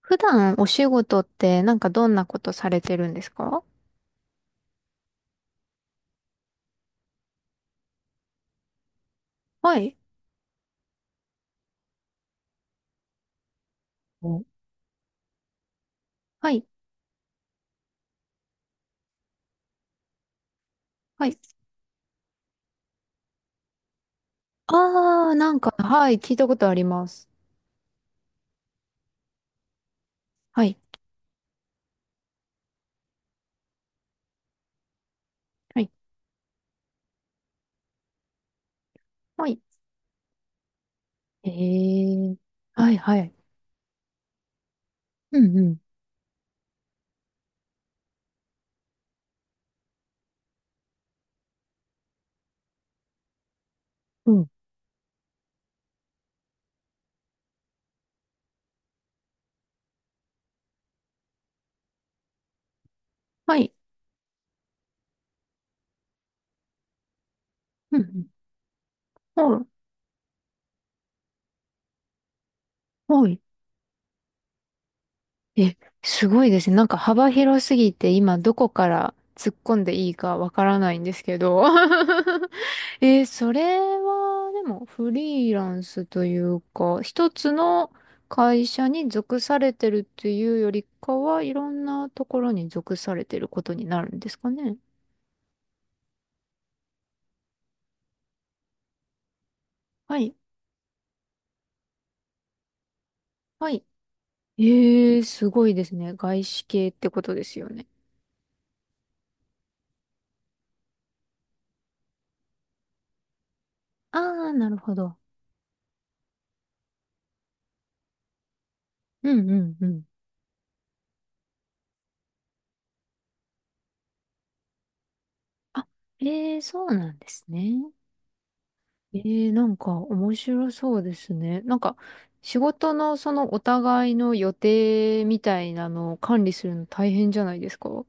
普段お仕事ってなんかどんなことされてるんですか？はい。おはい。はい。あー、なんか、はい、聞いたことあります。はい。はい。はい。へえー、はい、はい。うんうん、うん。はい。うん、うん。はい。はい。え、すごいですね。なんか幅広すぎて今どこから突っ込んでいいかわからないんですけど。それは、でも、フリーランスというか、一つの会社に属されてるっていうよりかは、いろんなところに属されてることになるんですかね。はい。はい。えー、すごいですね。外資系ってことですよね。あー、なるほど。うんうんうん。あ、そうなんですね。なんか面白そうですね。なんか仕事のそのお互いの予定みたいなのを管理するの大変じゃないですか？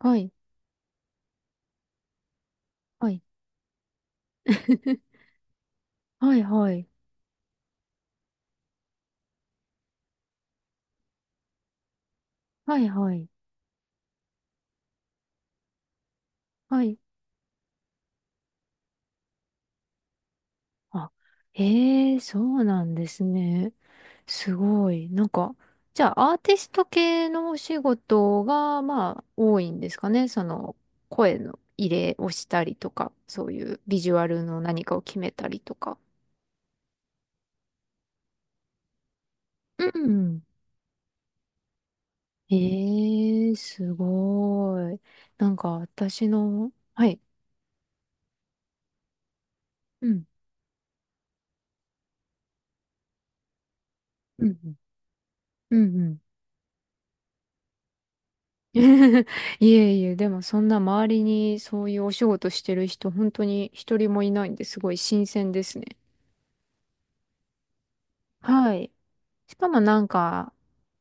はい、はい、はいはい、はいはい、はい。あ、ええー、そうなんですね。すごい。なんか、じゃあアーティスト系のお仕事が、まあ、多いんですかね。その、声の入れをしたりとか、そういうビジュアルの何かを決めたりとか。うん、ええ、すごい。なんか私の、はい。うん、うん、うん、うん。うん。 いえいえ、でもそんな周りにそういうお仕事してる人、本当に一人もいないんですごい新鮮ですね。はい。しかもなんか、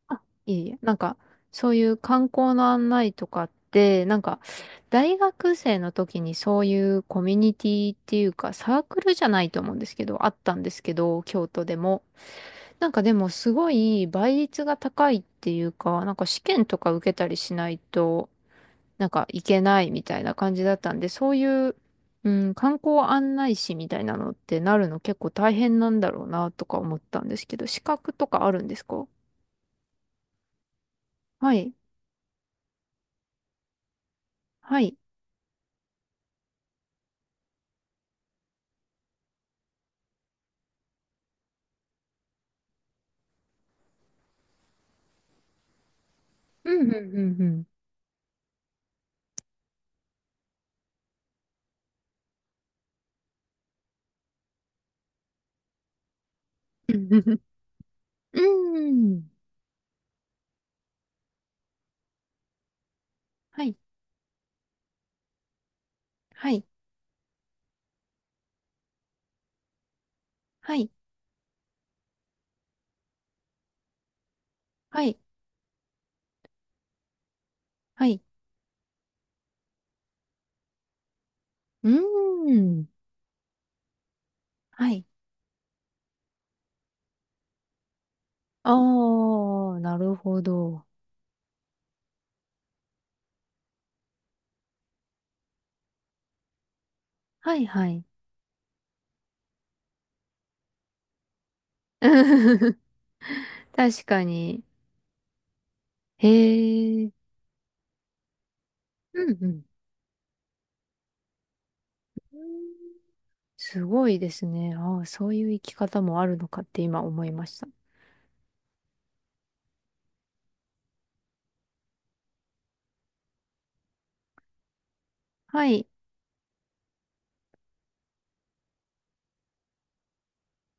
あ、いえいえ、なんか、そういう観光の案内とかって、なんか、大学生の時にそういうコミュニティっていうか、サークルじゃないと思うんですけど、あったんですけど、京都でも。なんかでもすごい倍率が高いっていうか、なんか試験とか受けたりしないと、なんかいけないみたいな感じだったんで、そういう、うん、観光案内士みたいなのってなるの結構大変なんだろうなとか思ったんですけど、資格とかあるんですか？はい。はい。うん、うん、うん、うん。うん。はい。はい。はい。はい。はい。うーん。はい。ああ、なるほど。はい、はい。確かに。へえ。うんうん。すごいですね。ああ、そういう生き方もあるのかって今思いました。はい。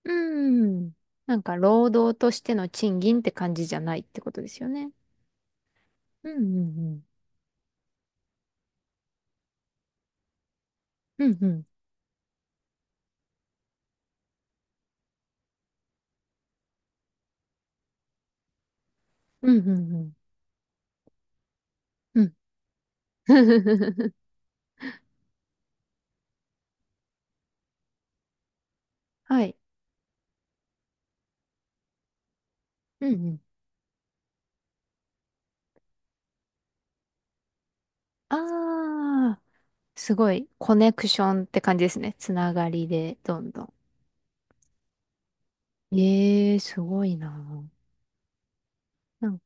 うん。なんか、労働としての賃金って感じじゃないってことですよね。うんうんうん。うんうん。うんうんうん。うん。はい。うんうん。ああ、すごい。コネクションって感じですね。つながりで、どんどん。ええ、すごいな。なん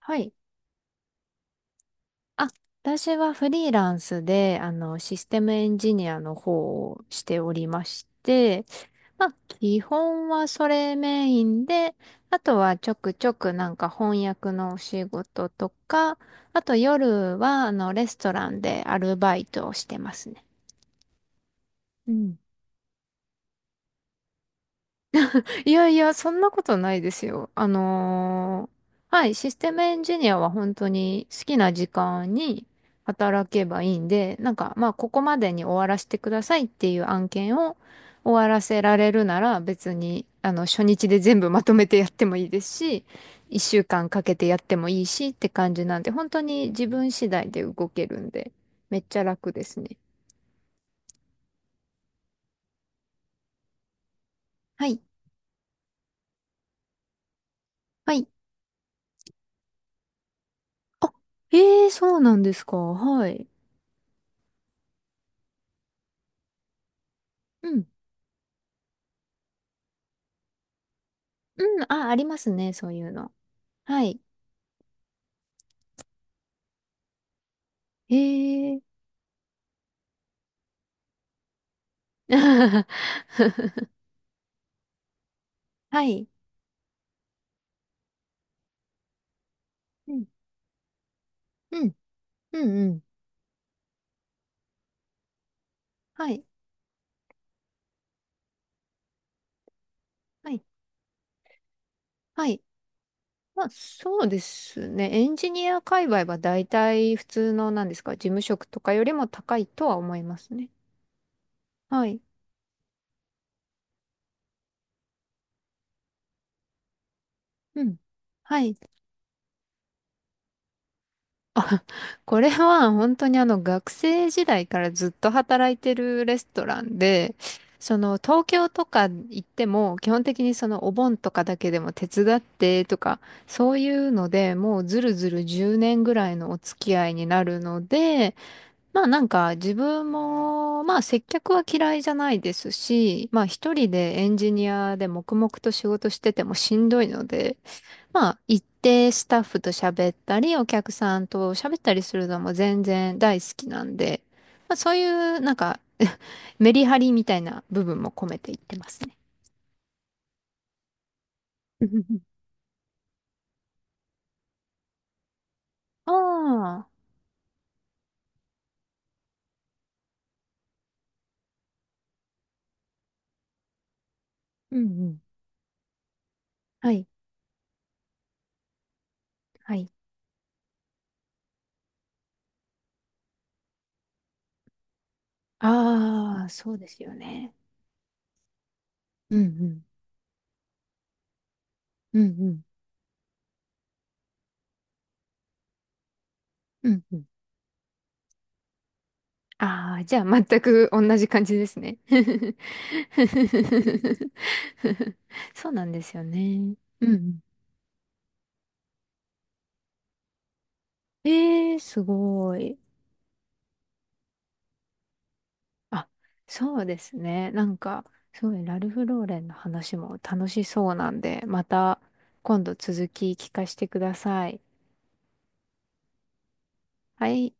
はい。あ、私はフリーランスで、あの、システムエンジニアの方をしておりまして、まあ、基本はそれメインで、あとはちょくちょくなんか翻訳のお仕事とか、あと夜は、あの、レストランでアルバイトをしてますね。うん、いやいや、そんなことないですよ。はい、システムエンジニアは本当に好きな時間に働けばいいんで、なんか、まあ、ここまでに終わらせてくださいっていう案件を終わらせられるなら別に、あの、初日で全部まとめてやってもいいですし、一週間かんかけてやってもいいしって感じなんで、本当に自分次第で動けるんで、めっちゃ楽ですね。はい、はい。あ、ええー、そうなんですか。はい。うんうん、あ、ありますね、そういうの。はい。へえ。はい。うん、うん、うん、うん。はい、はい、はい。まあ、そうですね。エンジニア界隈は大体普通の、なんですか、事務職とかよりも高いとは思いますね。はい。うん。はい。これは本当にあの学生時代からずっと働いてるレストランで、その東京とか行っても基本的にそのお盆とかだけでも手伝ってとか、そういうのでもうずるずる10年ぐらいのお付き合いになるので、まあなんか自分もまあ接客は嫌いじゃないですし、まあ一人でエンジニアで黙々と仕事しててもしんどいので、まあ、行ってスタッフと喋ったり、お客さんと喋ったりするのも全然大好きなんで、まあ、そういう、なんか、 メリハリみたいな部分も込めていってますね。ああ、うんうん。はい、はい。ああ、そうですよね。うんうん。うんうん。うんうん。ああ、じゃあ全く同じ感じですね。そうなんですよね。うんうん。ええー、すごい。あ、そうですね。なんか、そうね、ラルフ・ローレンの話も楽しそうなんで、また今度続き聞かせてください。はい。